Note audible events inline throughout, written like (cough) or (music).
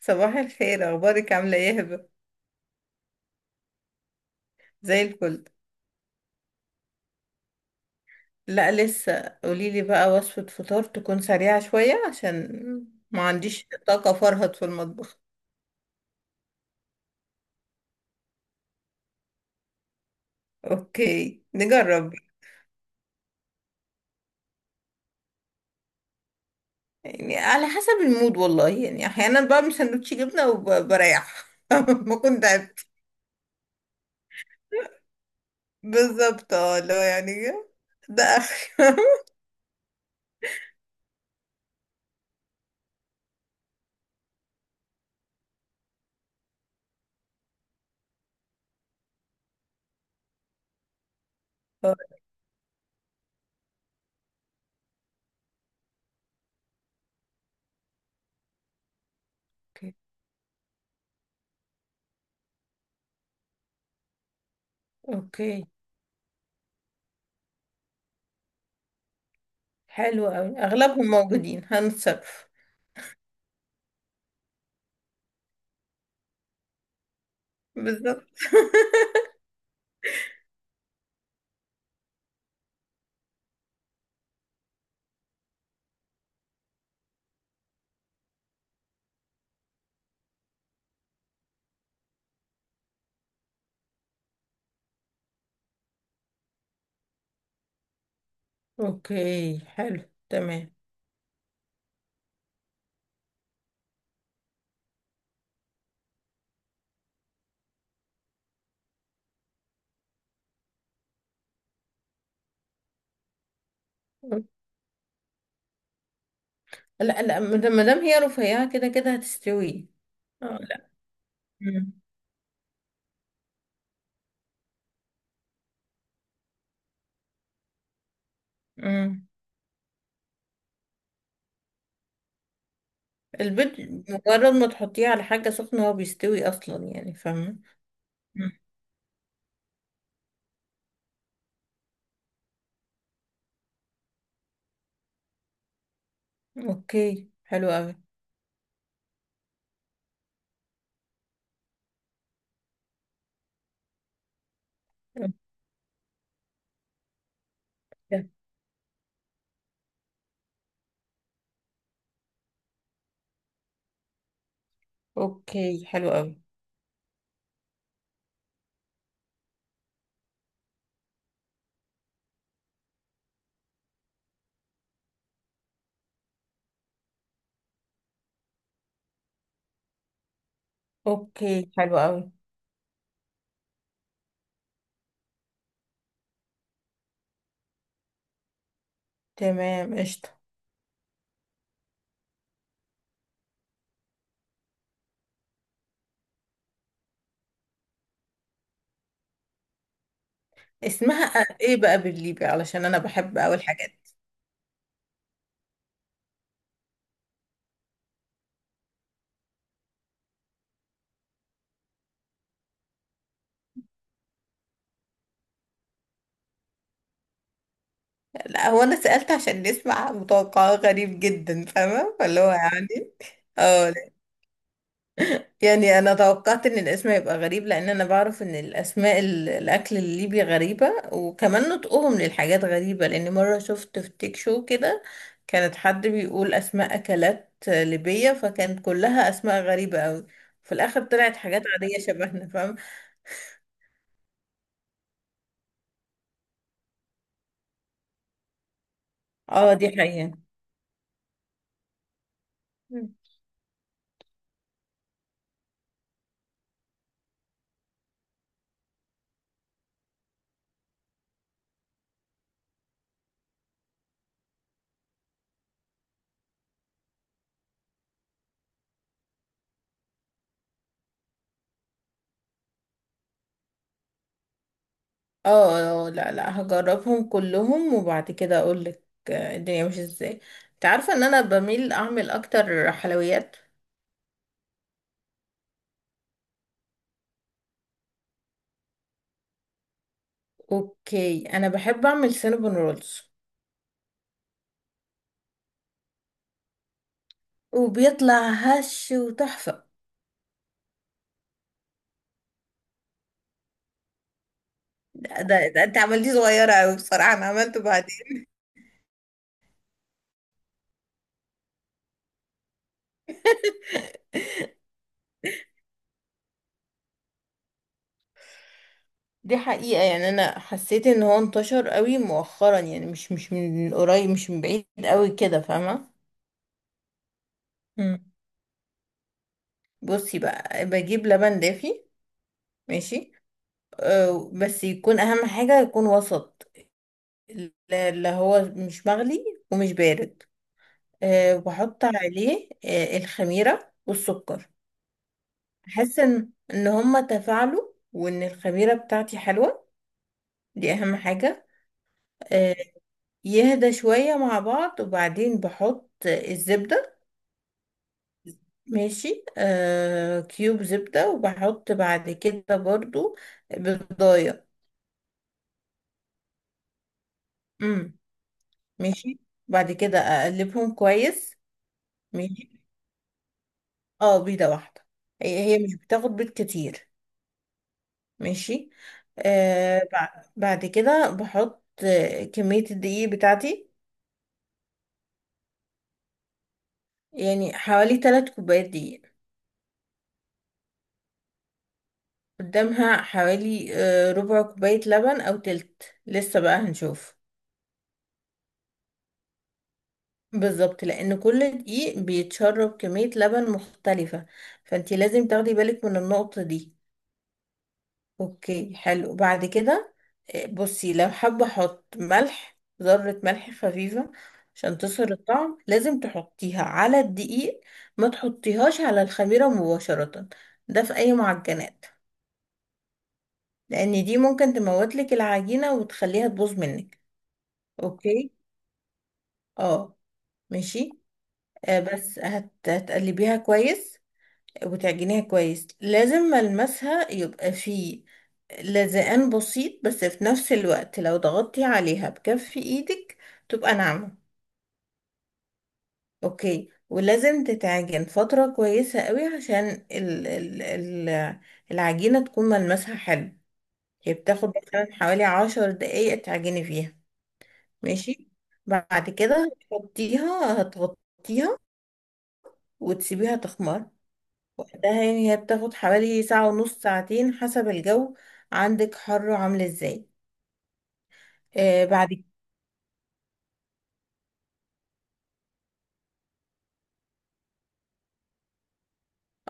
صباح الخير، اخبارك؟ عامله ايه يا هبه؟ زي الفل. لا، لسه. قوليلي بقى وصفه فطار تكون سريعه شويه عشان ما عنديش طاقه فرهد في المطبخ. اوكي، نجرب. يعني على حسب المود والله، يعني احيانا بعمل سندوتش جبنه وبريح. (laughs) ما كنت تعبت. بالظبط، اه اللي هو يعني ده اخر. (laughs) اوكي، اوكي، حلو قوي. اغلبهم موجودين، هنتصرف. بالظبط. (laughs) اوكي، حلو، تمام. لا، لا، مادام هي رفيعة كده كده هتستوي. لا. مم. مم. البيض، مجرد ما تحطيه على حاجة سخنة هو بيستوي أصلا، يعني فاهمة؟ مم. أوكي، حلو أوي. أوكي، أوكي، حلو أوي. أوكي، حلو أوي. تمام، قشطة. اسمها ايه بقى بالليبي؟ علشان انا بحب اوي الحاجات دي. لا، هو انا سألت عشان نسمع متوقعات. غريب جدا، فاهمة؟ فاللي هو يعني، اه. يعني انا توقعت ان الاسم هيبقى غريب، لان انا بعرف ان الاسماء الاكل الليبي غريبة، وكمان نطقهم للحاجات غريبة. لان مرة شفت في تيك شو كده، كانت حد بيقول اسماء اكلات ليبية، فكانت كلها اسماء غريبة قوي. في الاخر طلعت حاجات عادية شبهنا، فاهم؟ اه، دي حقيقة. مم. اه، لا، لا، هجربهم كلهم وبعد كده اقول لك. الدنيا مش ازاي؟ انت عارفة ان انا بميل اعمل اكتر حلويات. اوكي، انا بحب اعمل سينابون رولز. وبيطلع هش وتحفة. ده انت عملتيه صغيرة اوي بصراحة، انا عملته بعدين. دي حقيقة، يعني انا حسيت ان هو انتشر اوي مؤخرا، يعني مش من قريب مش من بعيد اوي كده، فاهمة؟ مم. بصي بقى، بجيب لبن دافي. ماشي. بس يكون اهم حاجة يكون وسط. لا، لا، هو مش مغلي. ومش بارد. بحط عليه الخميرة والسكر. احس ان هما تفاعلوا وان الخميرة بتاعتي حلوة. دي اهم حاجة. آه، يهدى شوية مع بعض، وبعدين بحط الزبدة. ماشي. كيوب زبدة، وبحط بعد كده برضو بيضاية. امم. ماشي. بعد كده اقلبهم كويس. ماشي. اه، بيضة واحدة. هي مش بتاخد بيض كتير. ماشي. بعد كده بحط كمية الدقيق بتاعتي. يعني حوالي 3 كوبايات دقيق. قدامها حوالي ربع كوباية لبن أو تلت، لسه بقى هنشوف. بالظبط، لأن كل دقيق بيتشرب كمية لبن مختلفة. فانتي لازم تاخدي بالك من النقطة دي. اوكي حلو. بعد كده بصي، لو حابة احط ملح ذرة، ملح خفيفة. عشان تصهر الطعم لازم تحطيها على الدقيق. ما تحطيهاش على الخميرة مباشرة. ده في أي معجنات. لان دي ممكن تموتلك العجينة وتخليها تبوظ منك. اوكي. اه. ماشي. بس هتقلبيها كويس. وتعجنيها كويس، لازم ملمسها يبقى فيه لزقان بسيط، بس في نفس الوقت لو ضغطتي عليها بكف ايدك تبقى ناعمة. اوكي، ولازم تتعجن فترة كويسة قوي عشان ال... ال... ال... العجينة تكون ملمسها حلو. هي بتاخد مثلا حوالي 10 دقايق تعجني فيها. ماشي. بعد كده هتحطيها، هتغطيها، وتسيبيها تخمر. وقتها يعني هي بتاخد حوالي ساعة ونص، ساعتين، حسب الجو. عندك حر عاملة ازاي؟ بعد كده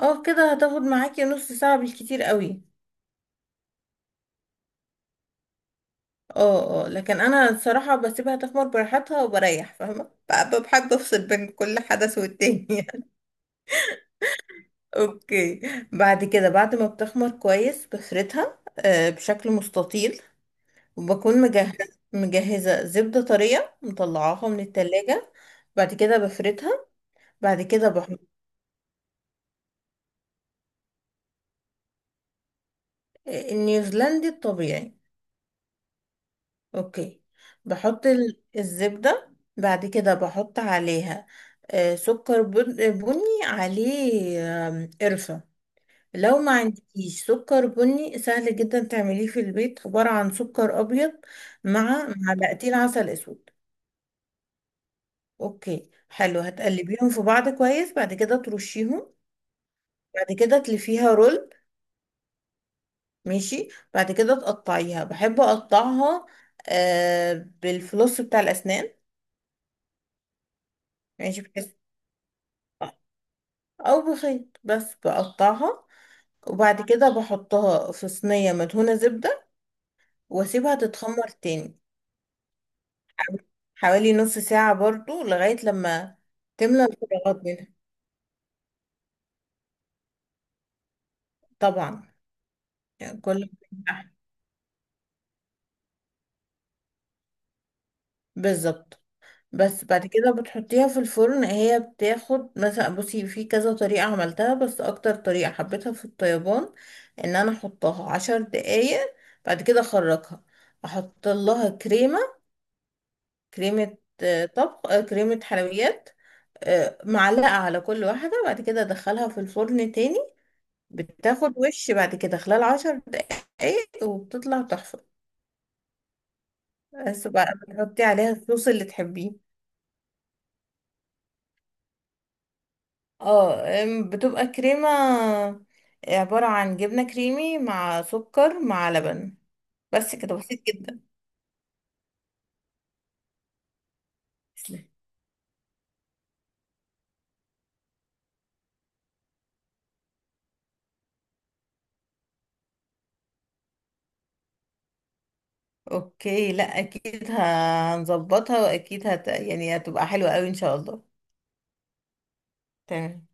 اه كده هتاخد معاكي نص ساعة بالكتير قوي. اه، اه، لكن انا الصراحة بسيبها تخمر براحتها وبريح، فاهمة؟ بحب افصل بين كل حدث والتاني. (laughs) اوكي. بعد كده، بعد ما بتخمر كويس، بفردها بشكل مستطيل، وبكون مجهزة. مجهزة زبدة طرية مطلعاها من التلاجة. بعد كده بفردها. بعد كده بحط النيوزيلندي الطبيعي. اوكي. بحط الزبدة. بعد كده بحط عليها سكر بني عليه، قرفة. لو ما عندكيش سكر بني سهل جدا تعمليه في البيت، عبارة عن سكر أبيض مع معلقتين عسل أسود. اوكي حلو. هتقلبيهم في بعض كويس، بعد كده ترشيهم. بعد كده تلفيها رول. ماشي. بعد كده تقطعيها، بحب اقطعها آه بالفلوس بتاع الاسنان. ماشي بحيث، آه، او بخيط، بس بقطعها. وبعد كده بحطها في صينية مدهونة زبدة، واسيبها تتخمر تاني حوالي نص ساعة برضو، لغاية لما تملى الفراغات منها. طبعا، يعني كل بالظبط. بس بعد كده بتحطيها في الفرن، هي بتاخد مثلا، بصي، في كذا طريقة عملتها بس أكتر طريقة حبيتها في الطيبان، إن أنا أحطها 10 دقايق، بعد كده أخرجها، أحط لها كريمة. كريمة طبخ، كريمة حلويات، معلقة على كل واحدة، بعد كده أدخلها في الفرن تاني. بتاخد وش بعد كده خلال 10 دقايق، وبتطلع تحفة. بس بقى بتحطي عليها الصوص اللي تحبيه. اه، بتبقى كريمة عبارة عن جبنة كريمي مع سكر مع لبن. بس كده، بسيط جدا. تسلم. اوكي. لا، اكيد هنظبطها، واكيد يعني هتبقى حلوة قوي ان شاء الله. تمام.